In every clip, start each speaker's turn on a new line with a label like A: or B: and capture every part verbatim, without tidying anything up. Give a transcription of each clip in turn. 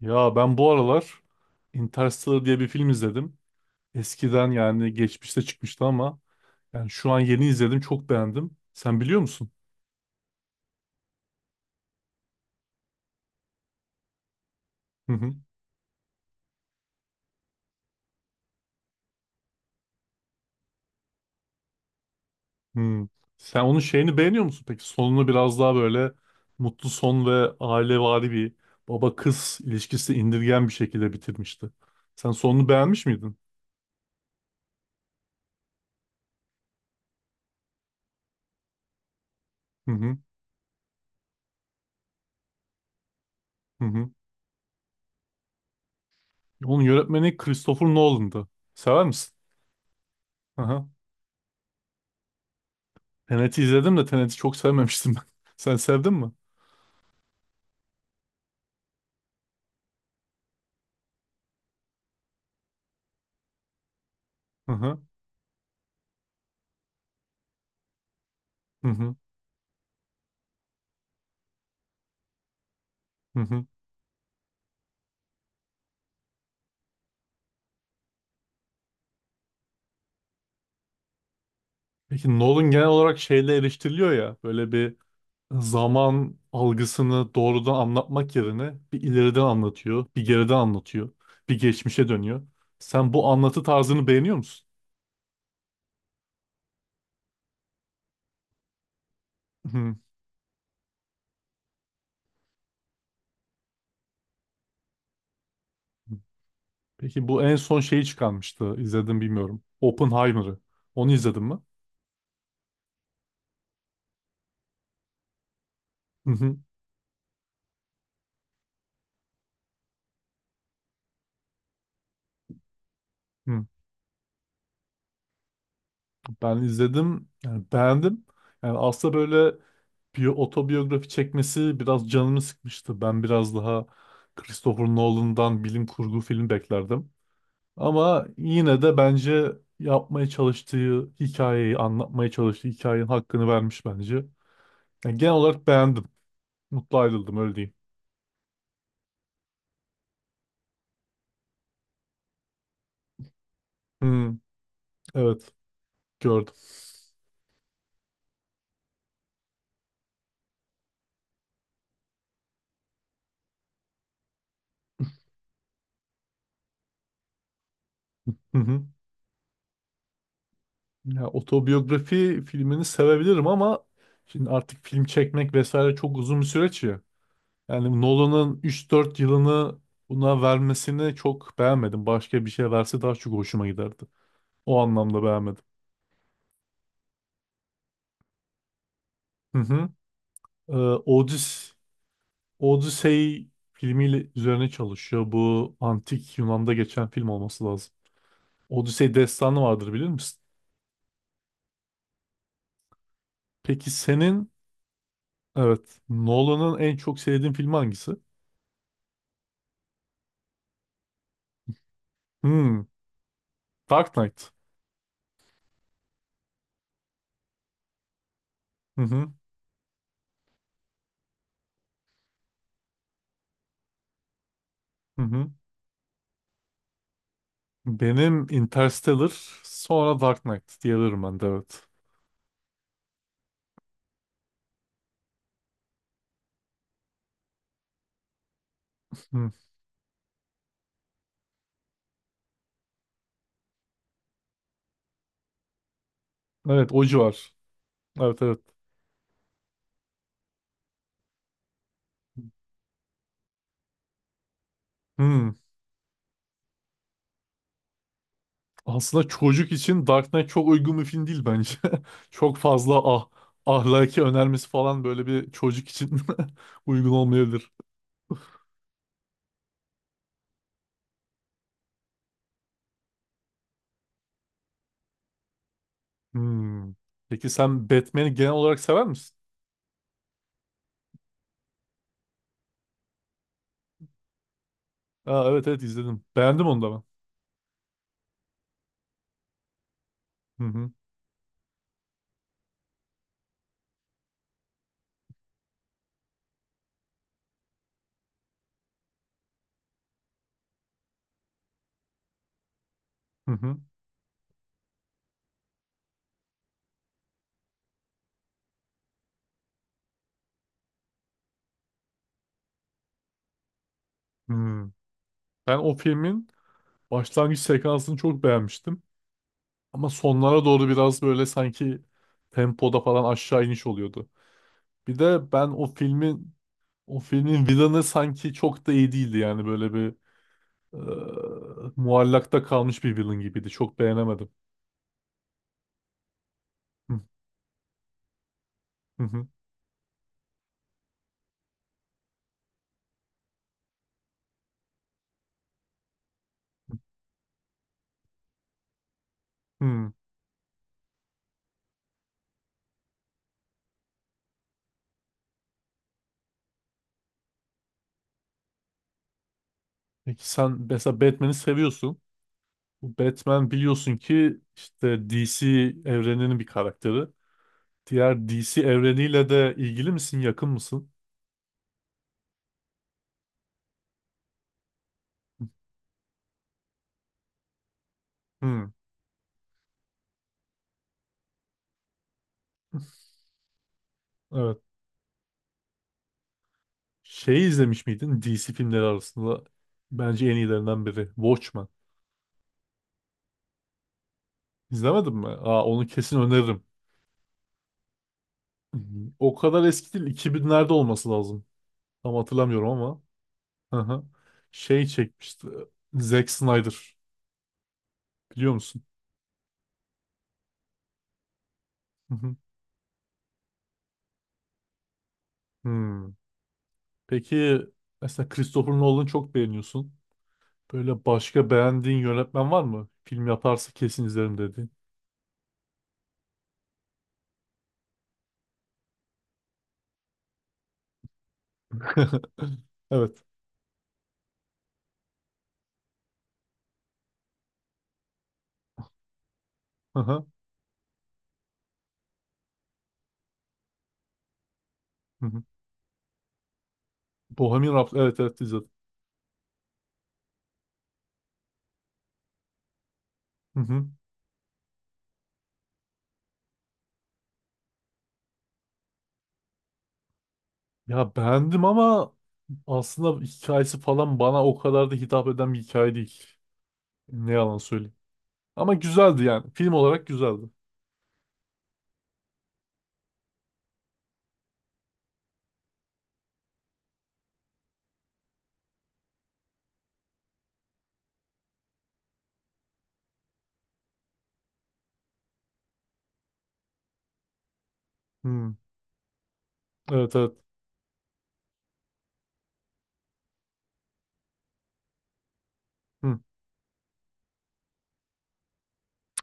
A: Ya ben bu aralar Interstellar diye bir film izledim. Eskiden yani geçmişte çıkmıştı ama yani şu an yeni izledim, çok beğendim. Sen biliyor musun? Hı hı. Hmm. Sen onun şeyini beğeniyor musun peki? Sonunu biraz daha böyle mutlu son ve ailevari bir baba kız ilişkisi indirgen bir şekilde bitirmişti. Sen sonunu beğenmiş miydin? Hı hı. Hı hı. Onun yönetmeni Christopher Nolan'dı. Sever misin? Hı hı. Tenet'i izledim de Tenet'i çok sevmemiştim ben. Sen sevdin mi? Hı hı. Hı hı. Hı hı. Peki Nolan genel olarak şeyle eleştiriliyor ya, böyle bir zaman algısını doğrudan anlatmak yerine bir ileriden anlatıyor, bir geriden anlatıyor, bir geçmişe dönüyor. Sen bu anlatı tarzını beğeniyor musun? Hı. Peki bu en son şeyi çıkarmıştı, izledim bilmiyorum. Oppenheimer'ı. Onu izledin mi? Hı hı. Hı. Ben izledim. Yani beğendim. Yani aslında böyle bir otobiyografi çekmesi biraz canımı sıkmıştı. Ben biraz daha Christopher Nolan'dan bilim kurgu film beklerdim. Ama yine de bence yapmaya çalıştığı hikayeyi, anlatmaya çalıştığı hikayenin hakkını vermiş bence. Yani genel olarak beğendim. Mutlu ayrıldım, öyle diyeyim. Hmm, evet, gördüm. Hı hı. Ya otobiyografi filmini sevebilirim ama şimdi artık film çekmek vesaire çok uzun bir süreç ya. Yani Nolan'ın üç dört yılını buna vermesini çok beğenmedim. Başka bir şey verse daha çok hoşuma giderdi. O anlamda beğenmedim. Hı hı. Ee, Odys Odyssey filmiyle üzerine çalışıyor. Bu antik Yunan'da geçen film olması lazım. Odyssey destanı vardır, bilir misin? Peki senin evet Nolan'ın en çok sevdiğin filmi hangisi? Hmm, Dark Knight. Hı hı. Hı hı. Benim Interstellar, sonra Dark Knight diyebilirim ben de, evet. Hı. Evet, o civar. Evet evet. Hmm. Aslında çocuk için Dark Knight çok uygun bir film değil bence. Çok fazla ah ahlaki önermesi falan böyle bir çocuk için uygun olmayabilir. Hmm. Peki sen Batman'i genel olarak sever misin? Aa, evet evet, izledim. Beğendim onu da ben. Hı hı. Hı hı. Hmm. Ben o filmin başlangıç sekansını çok beğenmiştim. Ama sonlara doğru biraz böyle sanki tempoda falan aşağı iniş oluyordu. Bir de ben o filmi. O filmin villain'ı sanki çok da iyi değildi, yani böyle bir eee, muallakta kalmış bir villain gibiydi. Çok beğenemedim. Hı, hı, hı, hı. Peki sen mesela Batman'i seviyorsun. Bu Batman biliyorsun ki işte D C evreninin bir karakteri. Diğer D C evreniyle de ilgili misin, yakın mısın? Hı. Evet. Şey izlemiş miydin D C filmleri arasında? Bence en iyilerinden biri. Watchmen. İzlemedin mi? Aa, onu kesin öneririm. O kadar eski değil. iki binlerde olması lazım. Tam hatırlamıyorum ama. Hı hı. Şey çekmişti. Zack Snyder. Biliyor musun? Hı hı. Hmm. Peki mesela Christopher Nolan'ı çok beğeniyorsun. Böyle başka beğendiğin yönetmen var mı? Film yaparsa kesin izlerim dediğin. Evet. Hı hı. Hı hı. Bohemian Rhapsody. Evet evet, izledim. Hı hı. Ya beğendim ama aslında hikayesi falan bana o kadar da hitap eden bir hikaye değil. Ne yalan söyleyeyim. Ama güzeldi yani. Film olarak güzeldi. Hı. Evet evet. Hı.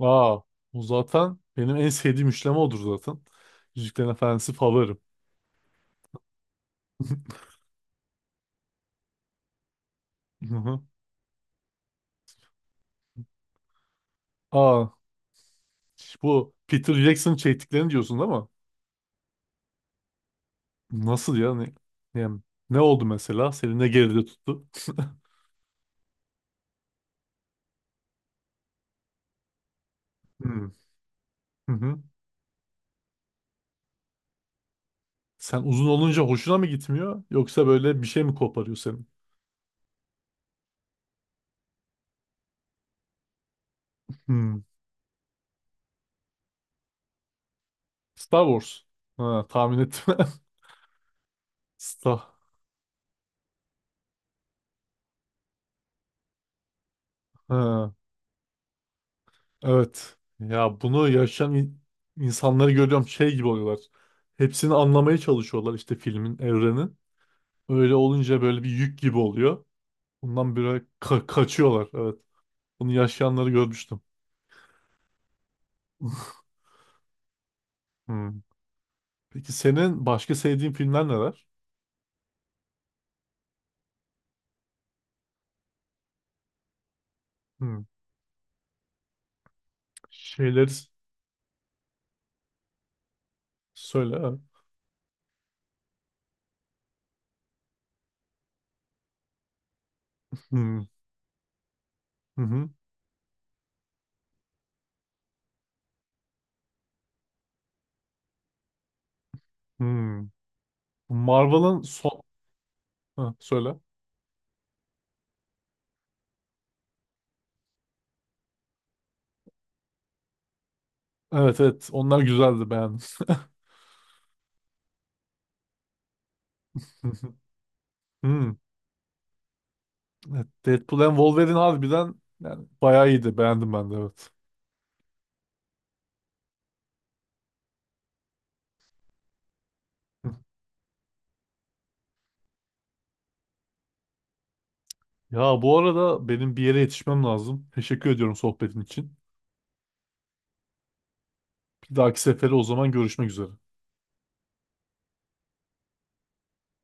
A: Aa, bu zaten benim en sevdiğim üçleme odur zaten. Yüzüklerin Efendisi favorim. Hı hı. Aa, bu Peter Jackson çektiklerini diyorsun ama nasıl ya? Ne, yani ne oldu mesela? Seni ne geride tuttu? Hmm. Hı hı. Sen uzun olunca hoşuna mı gitmiyor? Yoksa böyle bir şey mi koparıyor senin? Hmm. Star Wars. Ha, tahmin ettim. Star. Ha. Evet. Ya bunu yaşayan in- insanları görüyorum, şey gibi oluyorlar. Hepsini anlamaya çalışıyorlar işte filmin, evrenin. Öyle olunca böyle bir yük gibi oluyor. Bundan böyle ka- kaçıyorlar. Evet. Bunu yaşayanları görmüştüm. Hmm. Peki senin başka sevdiğin filmler neler? Hmm. Şeyleri s- söyle. Evet. Hmm. Hı hı. Hmm. Marvel'ın son... Ha, söyle. Evet evet, onlar güzeldi, beğendim. Hmm. Evet, Deadpool and Wolverine harbiden yani bayağı iyiydi. Beğendim ben de, evet. Hı. Ya bu arada benim bir yere yetişmem lazım. Teşekkür ediyorum sohbetin için. Bir dahaki sefere o zaman, görüşmek üzere.